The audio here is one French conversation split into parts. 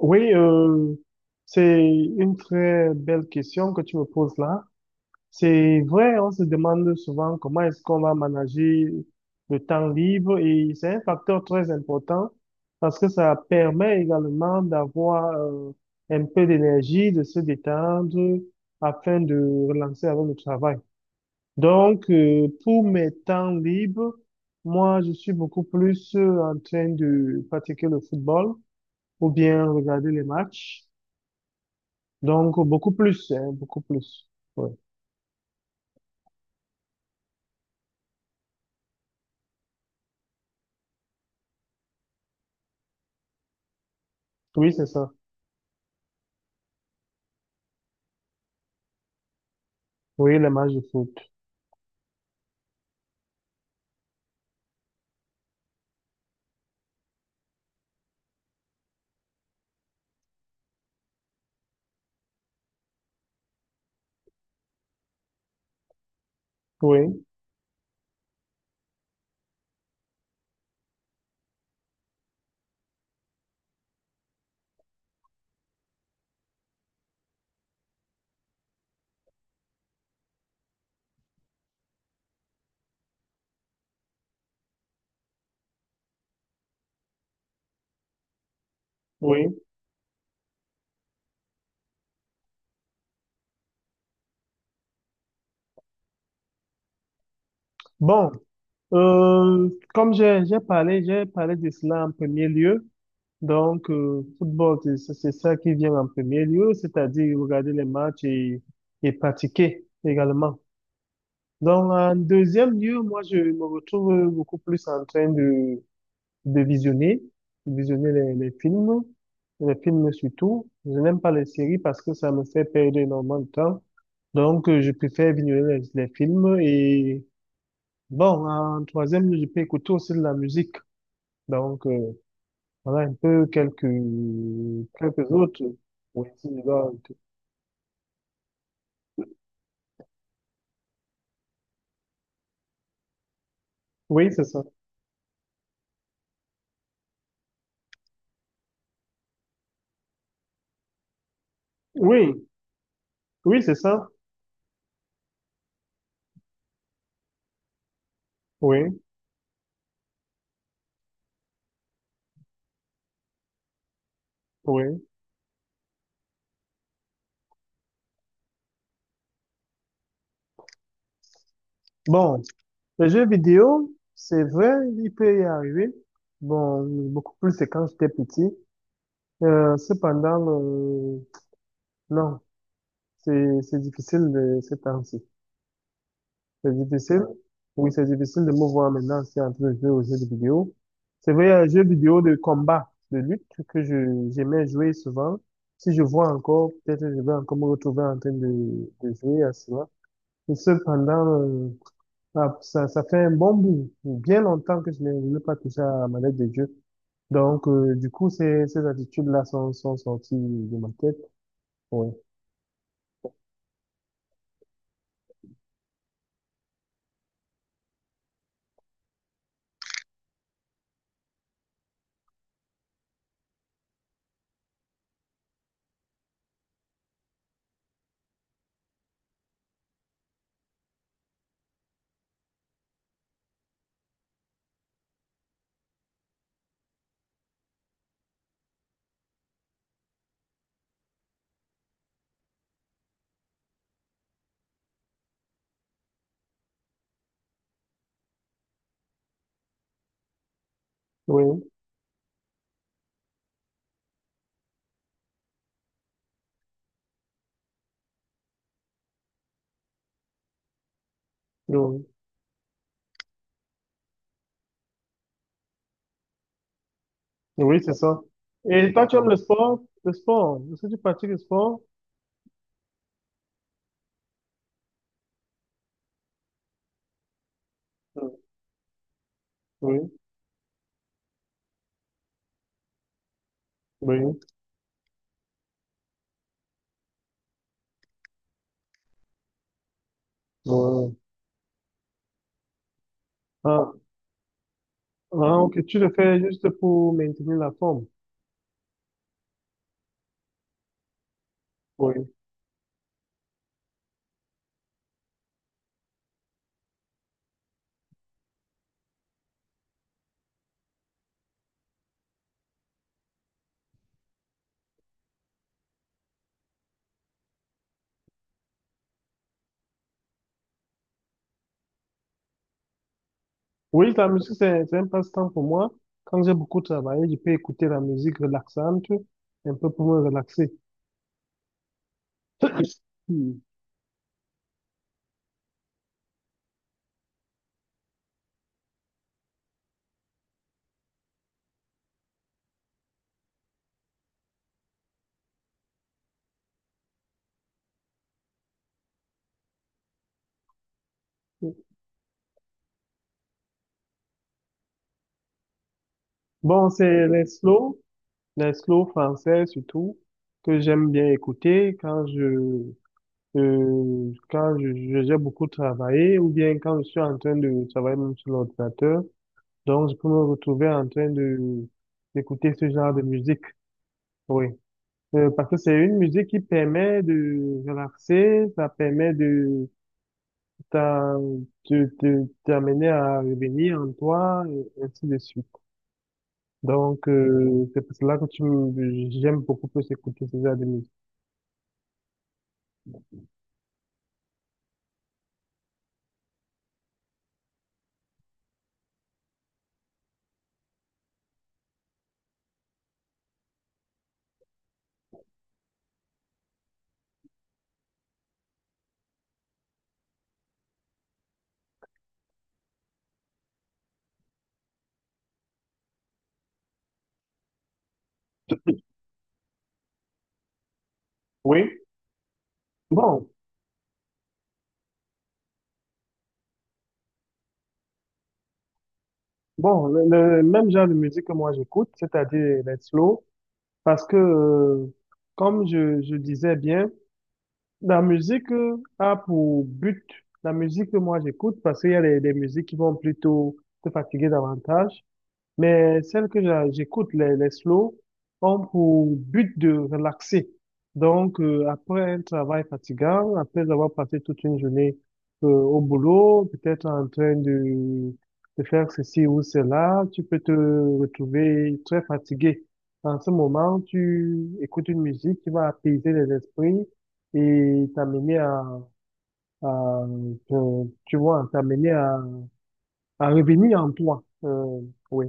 Oui, euh, c'est une très belle question que tu me poses là. C'est vrai, on se demande souvent comment est-ce qu'on va manager le temps libre, et c'est un facteur très important parce que ça permet également d'avoir un peu d'énergie, de se détendre afin de relancer avec le travail. Pour mes temps libres, moi, je suis beaucoup plus en train de pratiquer le football ou bien regarder les matchs. Donc, beaucoup plus, hein, beaucoup plus. Oui, oui, c'est ça. Oui, les matchs de foot. Oui, oui. Bon, Comme j'ai parlé, j'ai parlé de cela en premier lieu. Football, c'est ça qui vient en premier lieu, c'est-à-dire regarder les matchs, et pratiquer également. Donc, en deuxième lieu, moi, je me retrouve beaucoup plus en train de de visionner, de visionner les films surtout. Je n'aime pas les séries parce que ça me fait perdre énormément de temps. Je préfère visionner les films, et bon, en troisième, je peux écouter aussi de la musique. Donc, euh, voilà un peu quelques autres. Oui, si je dois- Oui, c'est ça. Oui, oui, c'est ça. Oui, oui. Bon, les jeux vidéo, c'est vrai, il peut y arriver. Bon, beaucoup plus c'est quand j'étais petit. Euh, cependant, euh, non, c'est difficile de ces temps-ci. C'est difficile. Oui, c'est difficile de me voir maintenant si entre jouer aux jeux de vidéo. C'est vrai, un jeu vidéo de combat, de lutte que je j'aimais jouer souvent. Si je vois encore, peut-être je vais encore me retrouver en train de jouer à cela. Et cependant, euh, ah, ça fait un bon bout, bien longtemps que je n'ai pas touché à ma lettre de jeu. Du coup, ces attitudes-là sont sorties de ma tête. Oui. Oui. Donc, oui, c'est ça. Et toi, tu aimes le sport? Le sport. Est-ce que tu pratiques le sport? Oui, oui. Ouais. Ah, ah, ok, tu le fais juste pour maintenir la forme. Oui. Oui, la musique, c'est un passe-temps pour moi. Quand j'ai beaucoup travaillé, je peux écouter la musique relaxante, un peu pour me relaxer. Hmm. Bon, c'est les slow français surtout, que j'aime bien écouter quand j'ai beaucoup travaillé ou bien quand je suis en train de travailler même sur l'ordinateur, donc je peux me retrouver en train de d'écouter ce genre de musique. Oui. Parce que c'est une musique qui permet de relaxer, ça permet t'en- de t'amener à revenir en toi, et ainsi de suite. C'est pour cela que j'aime beaucoup plus écouter ce genre de musique. Oui. Bon, bon, le même genre de musique que moi j'écoute, c'est-à-dire les slow. Parce que comme je disais bien, la musique a pour but, la musique que moi j'écoute, parce qu'il y a des musiques qui vont plutôt te fatiguer davantage. Mais celles que j'écoute, les slow, ont pour but de relaxer. Après un travail fatigant, après avoir passé toute une journée au boulot, peut-être en train de faire ceci ou cela, tu peux te retrouver très fatigué. En ce moment, tu écoutes une musique qui va apaiser les esprits et t'amener à, tu vois, t'amener à revenir en toi. Oui.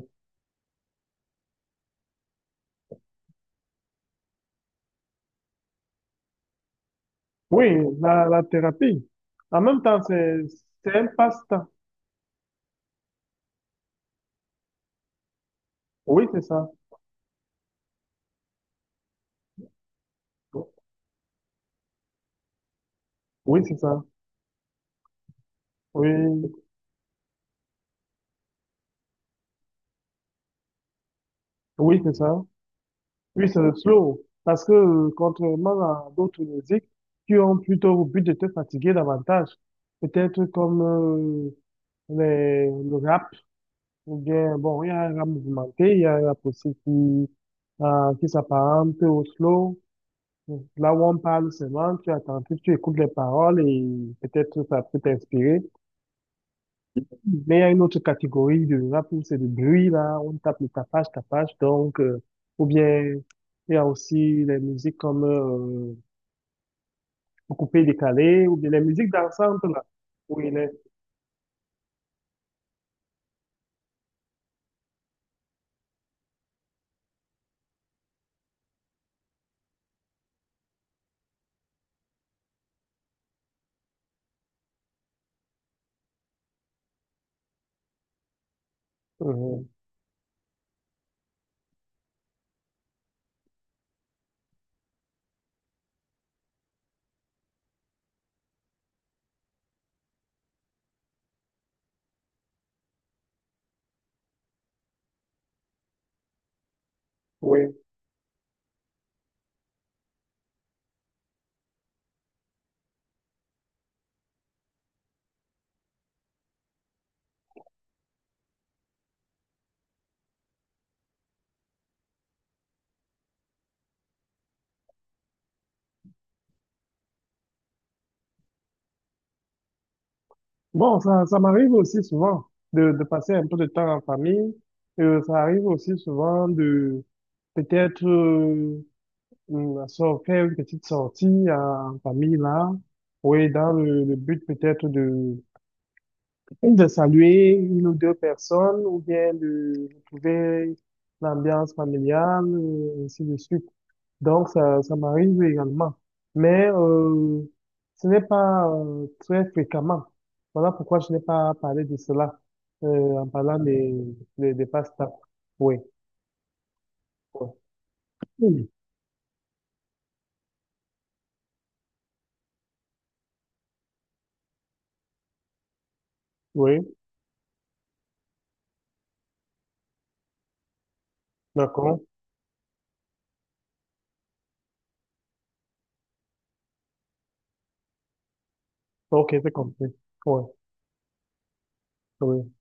Oui, la thérapie. En même temps, c'est un passe-temps. Oui, c'est ça. Oui, c'est ça. Oui, oui, c'est ça. Oui, c'est le slow. Parce que contrairement à d'autres musiques qui ont plutôt au but de te fatiguer davantage, peut-être comme le rap, ou bien, bon, il y a un rap mouvementé, il y a un rap aussi qui s'apparente au slow. Là où on parle seulement, tu attentif, tu écoutes les paroles et peut-être ça peut t'inspirer. Mais il y a une autre catégorie de rap où c'est du bruit, là, on tape le tapage, tapage, ou bien, il y a aussi les musiques comme coupé, décalé, ou bien les musiques dansantes, là, où il est. Euh, oui. Bon, ça m'arrive aussi souvent de passer un peu de temps en famille. Ça arrive aussi souvent de peut-être faire une petite sortie en en famille, là, oui, dans le but peut-être de et de saluer une ou deux personnes ou bien de retrouver l'ambiance familiale, et ainsi de suite. Donc, ça m'arrive également. Mais ce n'est pas très fréquemment. Voilà pourquoi je n'ai pas parlé de cela euh, en parlant des pastas. Oui, oui. Oui, d'accord. Ok, c'est compris. Oui, oui.